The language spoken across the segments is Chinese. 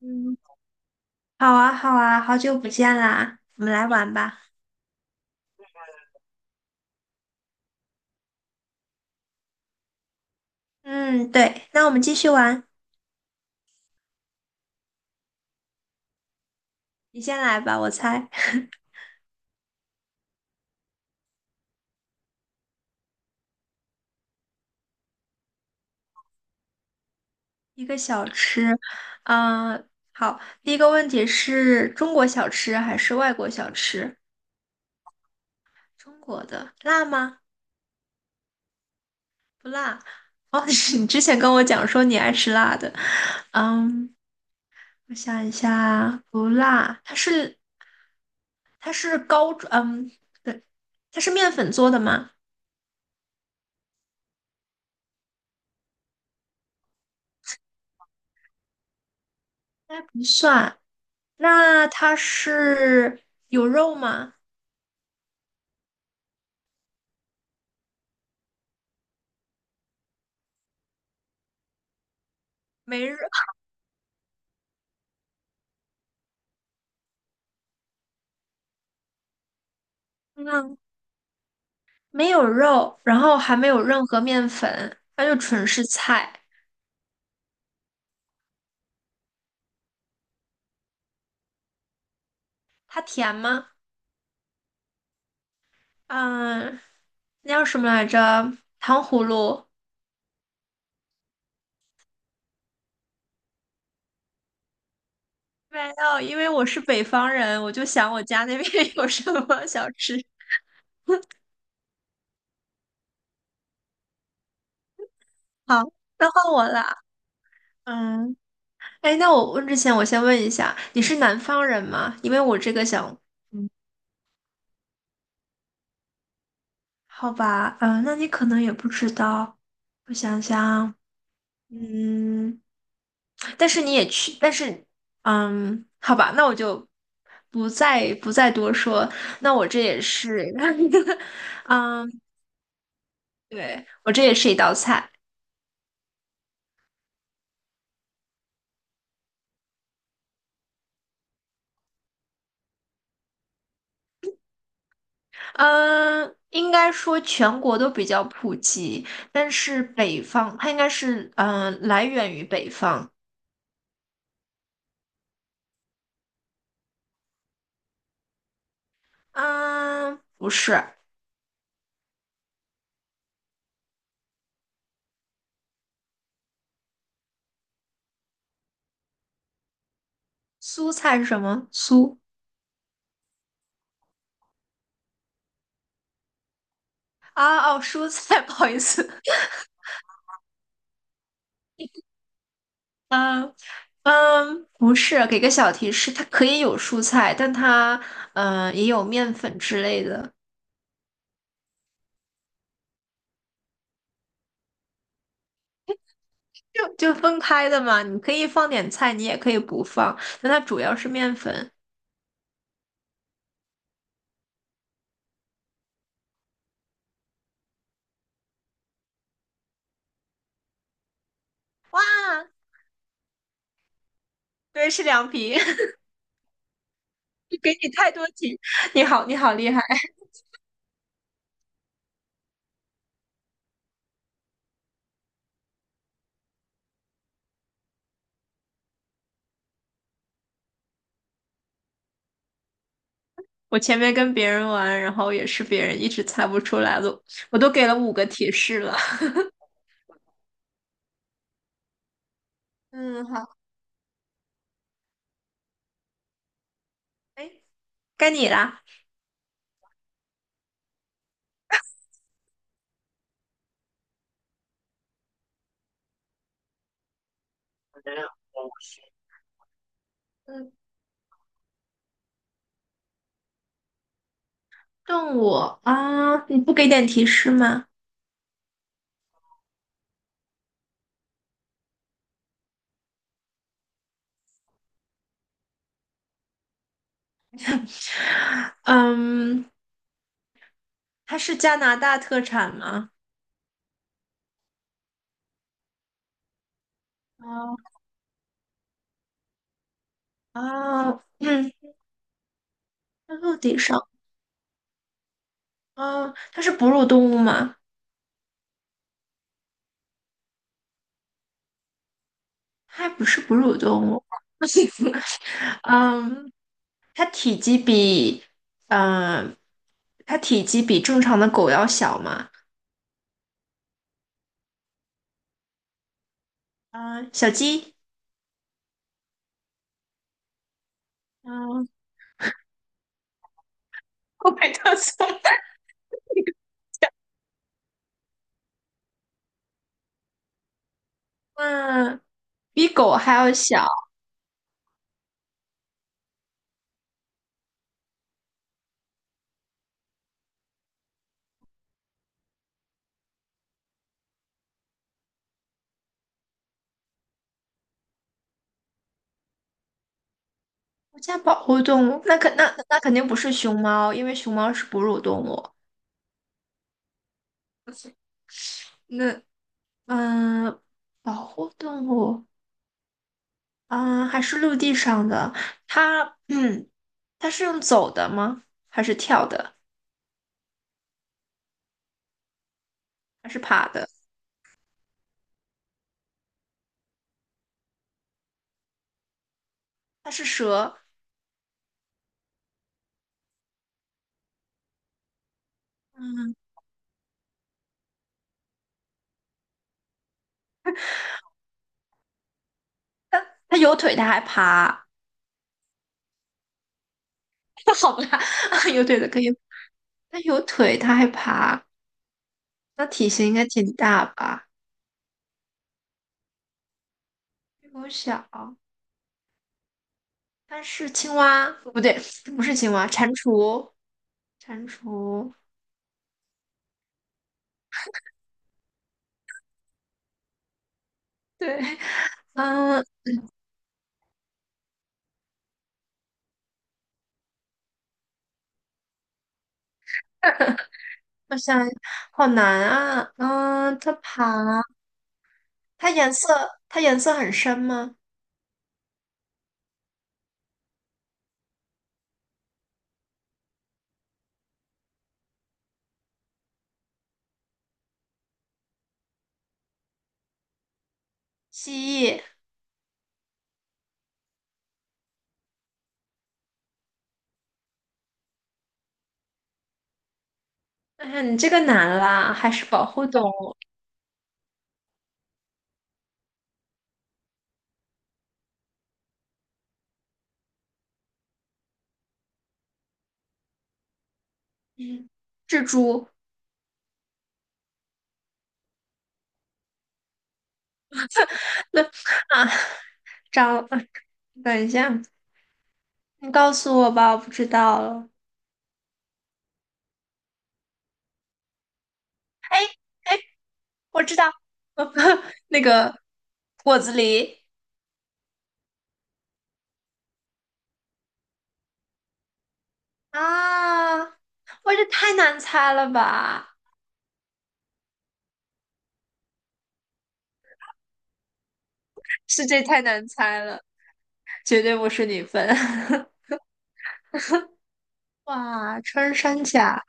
嗯，好啊，好啊，好久不见啦，我们来玩吧。嗯，对，那我们继续玩，你先来吧，我猜 一个小吃。嗯，好，第一个问题是中国小吃还是外国小吃？中国的辣吗？不辣。哦，是你之前跟我讲说你爱吃辣的。嗯，我想一下，不辣，它是它是高，嗯，对，它是面粉做的吗？应该不算。那它是有肉吗？没肉，嗯，没有肉，然后还没有任何面粉，它就纯是菜。它甜吗？嗯，那叫什么来着？糖葫芦。没有，因为我是北方人，我就想我家那边 有什么小吃。好，那换我了。嗯，哎，那我问之前，我先问一下，你是南方人吗？因为我这个想，嗯，好吧，嗯，那你可能也不知道，我想想。嗯，但是你也去，但是，嗯，好吧，那我就不再多说。那我这也是，嗯，对，我这也是一道菜。嗯，应该说全国都比较普及，但是北方它应该是来源于北方。嗯，不是，苏菜是什么？苏啊哦，蔬菜，不好意思。嗯。嗯，不是，给个小提示，它可以有蔬菜，但它也有面粉之类的，就分开的嘛。你可以放点菜，你也可以不放，但它主要是面粉。哇，对，是凉皮。给你太多题，你好，你好厉害！我前面跟别人玩，然后也是别人一直猜不出来了，我都给了5个提示了。嗯，好，哎，该你啦。嗯，动物啊，你不给点提示吗？嗯，它是加拿大特产吗？哦啊，嗯，在陆地上，啊，它是哺乳动物吗？它不是哺乳动物，嗯，它体积比，嗯、呃它体积比正常的狗要小吗？嗯、小鸡，嗯，我没告诉嗯，比狗还要小，国家保护动物，那肯定不是熊猫，因为熊猫是哺乳动物。那嗯，保护动物啊，还是陆地上的？它，嗯，它是用走的吗？还是跳的？还是爬的？它是蛇，嗯，它有腿，它还爬，它好吧，有腿的可以，它有腿，它还爬，那体型应该挺大吧？比我小，它是青蛙，不对，不是青蛙，蟾蜍，蟾蜍，对，嗯，我想，好难啊，嗯，它爬。它颜色很深吗？蜥蜴、哎呀，你这个难啦，还是保护动物。嗯，蜘蛛 那啊，蟑螂，等一下，你告诉我吧，我不知道了。哎哎，我知道 那个果子狸，啊，我这太难猜了吧？是这太难猜了，绝对不是你分。哇，穿山甲，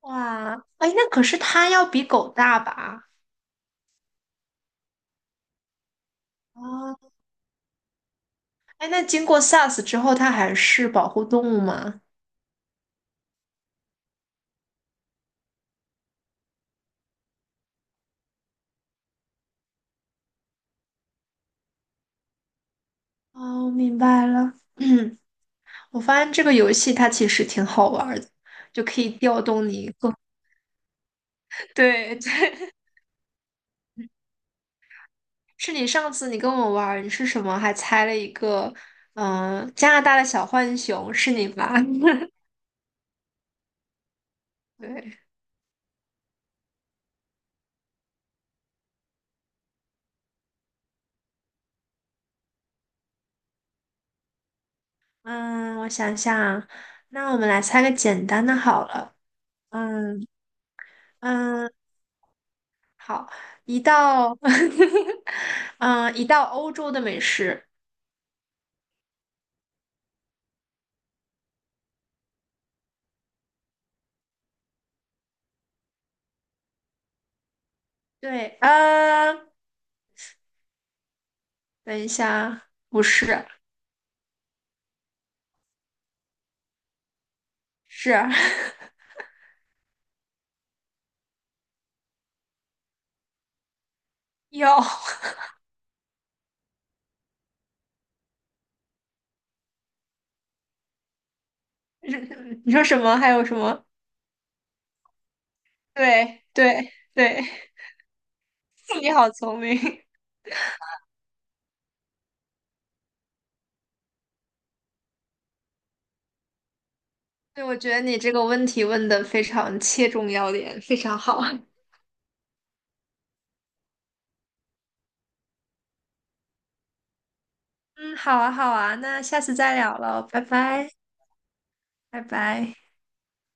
哇，哎，那可是它要比狗大吧？啊，哎，那经过 SARS 之后，它还是保护动物吗？哦，明白了。嗯，我发现这个游戏它其实挺好玩儿的，就可以调动你各。对对，是你上次你跟我玩儿，你是什么？还猜了一个，嗯、加拿大的小浣熊，是你吧？对，嗯，我想想啊，那我们来猜个简单的好了。嗯嗯，好，一道，嗯，一道欧洲的美食。对，呃，等一下，不是，是 有，你说什么？还有什么？对对对，你好聪明。对，我觉得你这个问题问的非常切中要点，非常好。嗯，好啊，好啊，那下次再聊了，拜拜，拜拜。